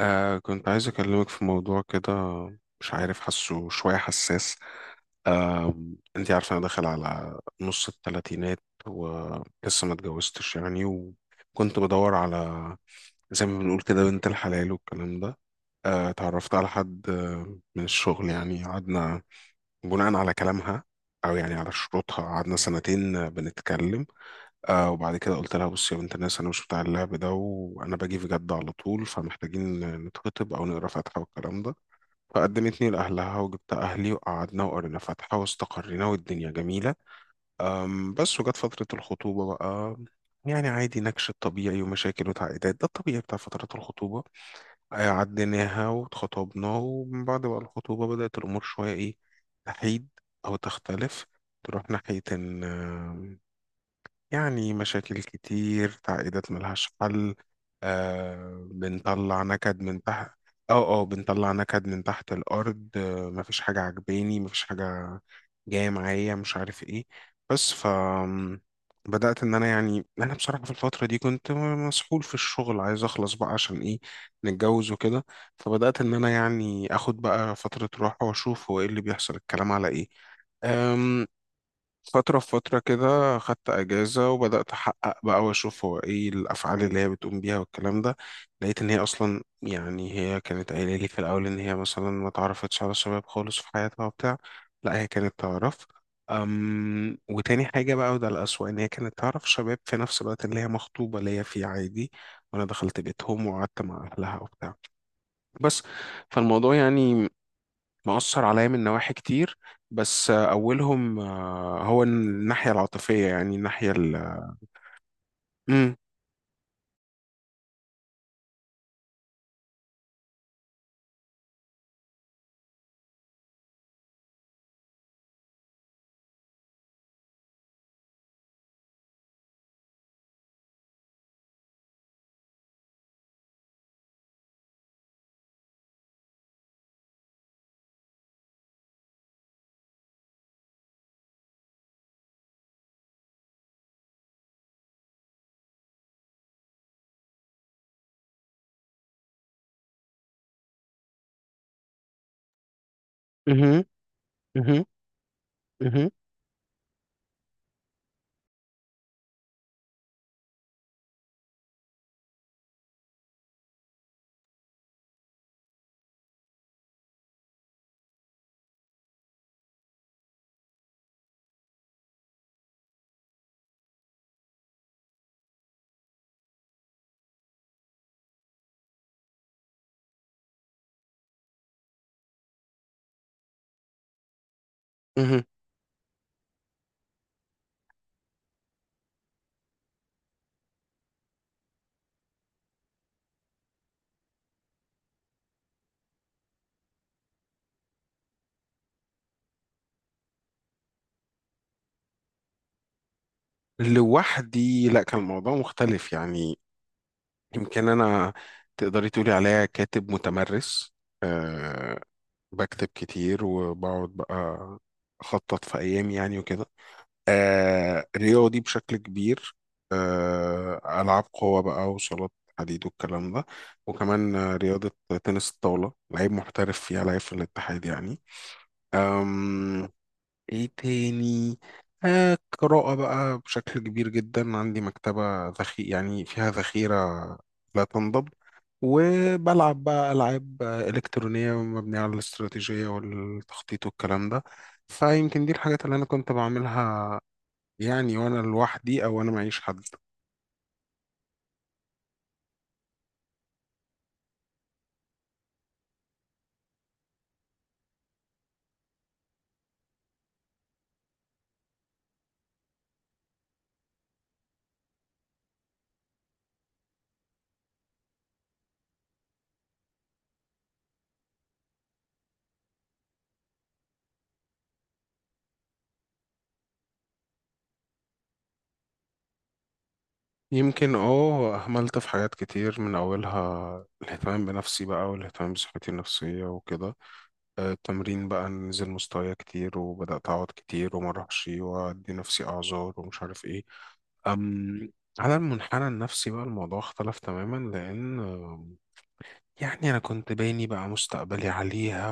كنت عايز أكلمك في موضوع كده. مش عارف، حاسه شوية حساس. آه أنتي عارفة أنا داخل على نص التلاتينات ولسه ما اتجوزتش يعني، وكنت بدور على زي ما بنقول كده بنت الحلال والكلام ده. اتعرفت على حد من الشغل، يعني قعدنا بناء على كلامها أو يعني على شروطها. قعدنا سنتين بنتكلم. وبعد كده قلت لها بصي يا بنت الناس، انا مش بتاع اللعب ده، وانا باجي في جد على طول، فمحتاجين نتخطب او نقرا فاتحه والكلام ده. فقدمتني لاهلها وجبت اهلي وقعدنا وقرينا فاتحه واستقرينا والدنيا جميله. بس وجت فتره الخطوبه بقى، يعني عادي نكش الطبيعي ومشاكل وتعقيدات، ده الطبيعي بتاع فترات الخطوبه. عديناها واتخطبنا، ومن بعد بقى الخطوبه بدات الامور شويه ايه، تحيد او تختلف، تروح ناحيه ان يعني مشاكل كتير، تعقيدات ملهاش حل. آه بنطلع نكد من تحت اه بنطلع نكد من تحت الأرض. مفيش حاجة عجباني، مفيش حاجة جاية معايا، مش عارف ايه. بس بدأت إن أنا، يعني أنا بصراحة في الفترة دي كنت مسحول في الشغل، عايز أخلص بقى عشان إيه، نتجوز وكده. فبدأت إن أنا يعني آخد بقى فترة راحة وأشوف هو إيه اللي بيحصل، الكلام على إيه. أم، فترة في فترة كده خدت أجازة وبدأت أحقق بقى وأشوف هو إيه الأفعال اللي هي بتقوم بيها والكلام ده. لقيت إن هي أصلا، يعني هي كانت قايلة لي في الأول إن هي مثلا ما تعرفتش على الشباب خالص في حياتها وبتاع. لا، هي كانت تعرف. وتاني حاجة بقى، وده الأسوأ، إن هي كانت تعرف شباب في نفس الوقت اللي هي مخطوبة ليا فيه عادي، وأنا دخلت بيتهم وقعدت مع أهلها وبتاع. بس فالموضوع يعني مأثر عليا من نواحي كتير، بس أولهم هو الناحية العاطفية، يعني الناحية مم. مهم. مهم. مهم. مهم. لوحدي، لا، كان الموضوع مختلف يعني. يمكن أنا، تقدري تقولي عليا كاتب متمرس. أه بكتب كتير وبقعد بقى أخطط في أيامي يعني وكده. رياضي بشكل كبير. ألعاب قوة بقى وصالات حديد والكلام ده. وكمان رياضة تنس الطاولة، لعيب محترف فيها، لعيب في الاتحاد يعني. أم إيه تاني؟ قراءة بقى بشكل كبير جدا، عندي مكتبة يعني فيها ذخيرة لا تنضب. وبلعب بقى ألعاب إلكترونية مبنية على الاستراتيجية والتخطيط والكلام ده. فيمكن دي الحاجات اللي أنا كنت بعملها يعني، وانا لوحدي او انا معيش حد. يمكن اهملت في حاجات كتير، من اولها الاهتمام بنفسي بقى والاهتمام بصحتي النفسيه وكده. التمرين بقى نزل مستوايا كتير، وبدات اقعد كتير وما اروحش وادي نفسي اعذار ومش عارف ايه. أم على المنحنى النفسي بقى الموضوع اختلف تماما، لان يعني انا كنت باني بقى مستقبلي عليها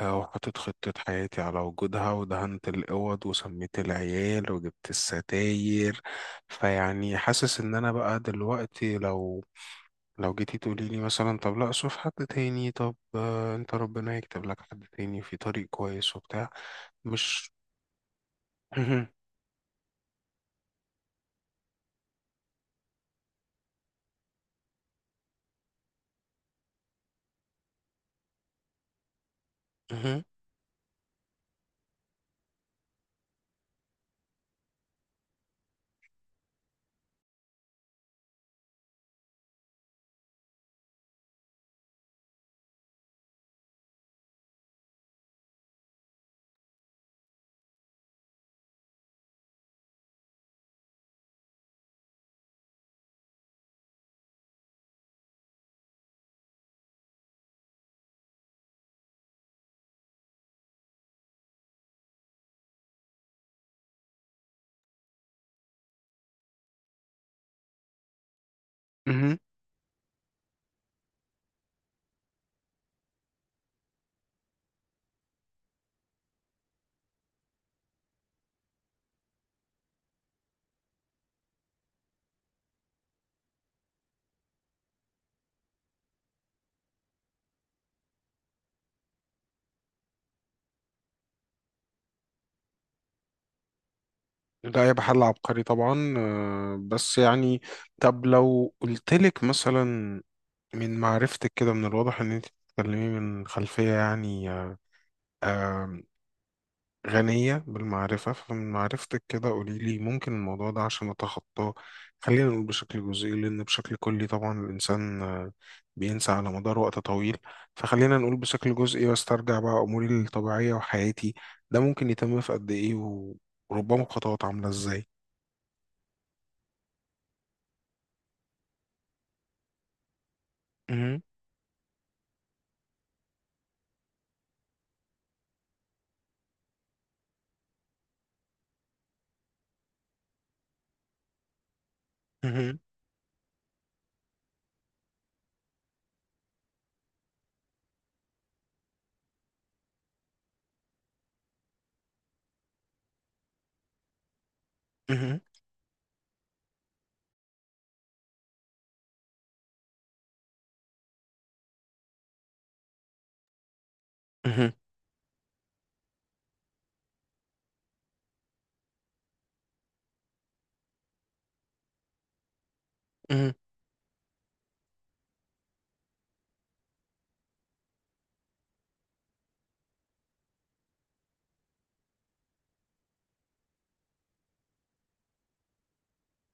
وحطيت خطة حياتي على وجودها، ودهنت الأوض وسميت العيال وجبت الستاير. فيعني حاسس إن أنا بقى دلوقتي، لو جيتي تقولي لي مثلا طب لا، شوف حد تاني، طب أنت ربنا يكتب لك حد تاني في طريق كويس وبتاع. مش مهم. مهم. مهم. ده يبقى حل عبقري طبعا، بس يعني. طب لو قلتلك مثلا، من معرفتك كده، من الواضح ان انت بتتكلمي من خلفية يعني آه، غنية بالمعرفة. فمن معرفتك كده قولي لي، ممكن الموضوع ده عشان أتخطاه، خلينا نقول بشكل جزئي لأن بشكل كلي طبعا الإنسان بينسى على مدار وقت طويل، فخلينا نقول بشكل جزئي وأسترجع بقى أموري الطبيعية وحياتي، ده ممكن يتم في قد إيه، وربما بخطوات عاملة إزاي؟ مهم، مهم، مهم، مهم، مهم.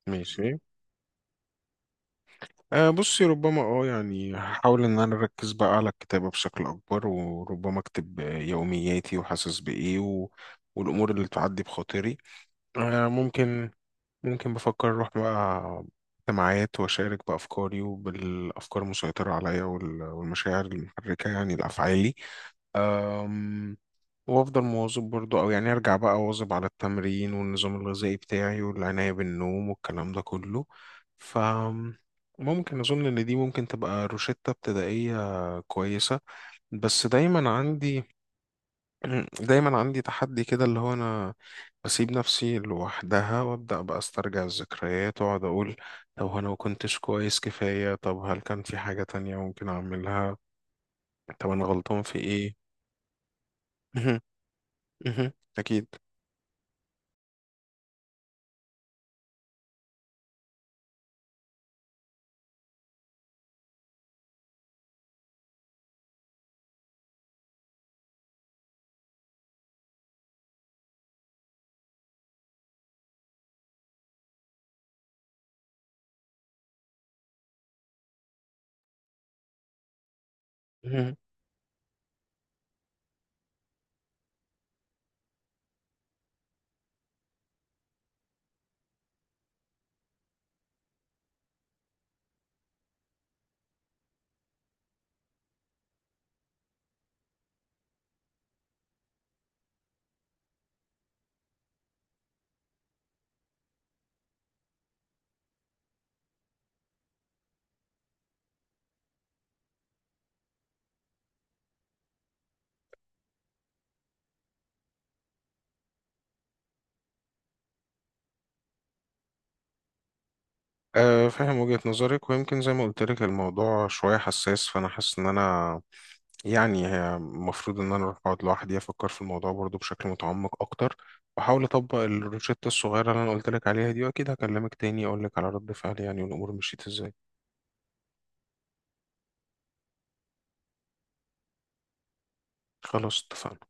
ماشي. بصي، ربما يعني هحاول ان انا اركز بقى على الكتابة بشكل اكبر، وربما اكتب يومياتي وحاسس بايه والامور اللي تعدي بخاطري. أه ممكن ممكن بفكر اروح بقى اجتماعات واشارك بافكاري وبالافكار المسيطرة عليا والمشاعر المحركة يعني لافعالي. وافضل مواظب برضو، او يعني ارجع بقى اواظب على التمرين والنظام الغذائي بتاعي والعناية بالنوم والكلام ده كله. ف ممكن اظن ان دي ممكن تبقى روشتة ابتدائية كويسة. بس دايما عندي دايما عندي تحدي كده، اللي هو انا بسيب نفسي لوحدها وابدا بقى استرجع الذكريات واقعد اقول طب هو انا ما كنتش كويس كفاية؟ طب هل كان في حاجة تانية ممكن اعملها؟ طب انا غلطان في ايه؟ اكيد. فاهم وجهة نظرك، ويمكن زي ما قلت لك الموضوع شوية حساس، فأنا حاسس إن أنا يعني هي المفروض إن أنا أروح أقعد لوحدي أفكر في الموضوع برضو بشكل متعمق أكتر، وأحاول أطبق الروشتة الصغيرة اللي أنا قلت لك عليها دي، وأكيد هكلمك تاني أقول لك على رد فعلي يعني والأمور مشيت إزاي. خلاص، اتفقنا.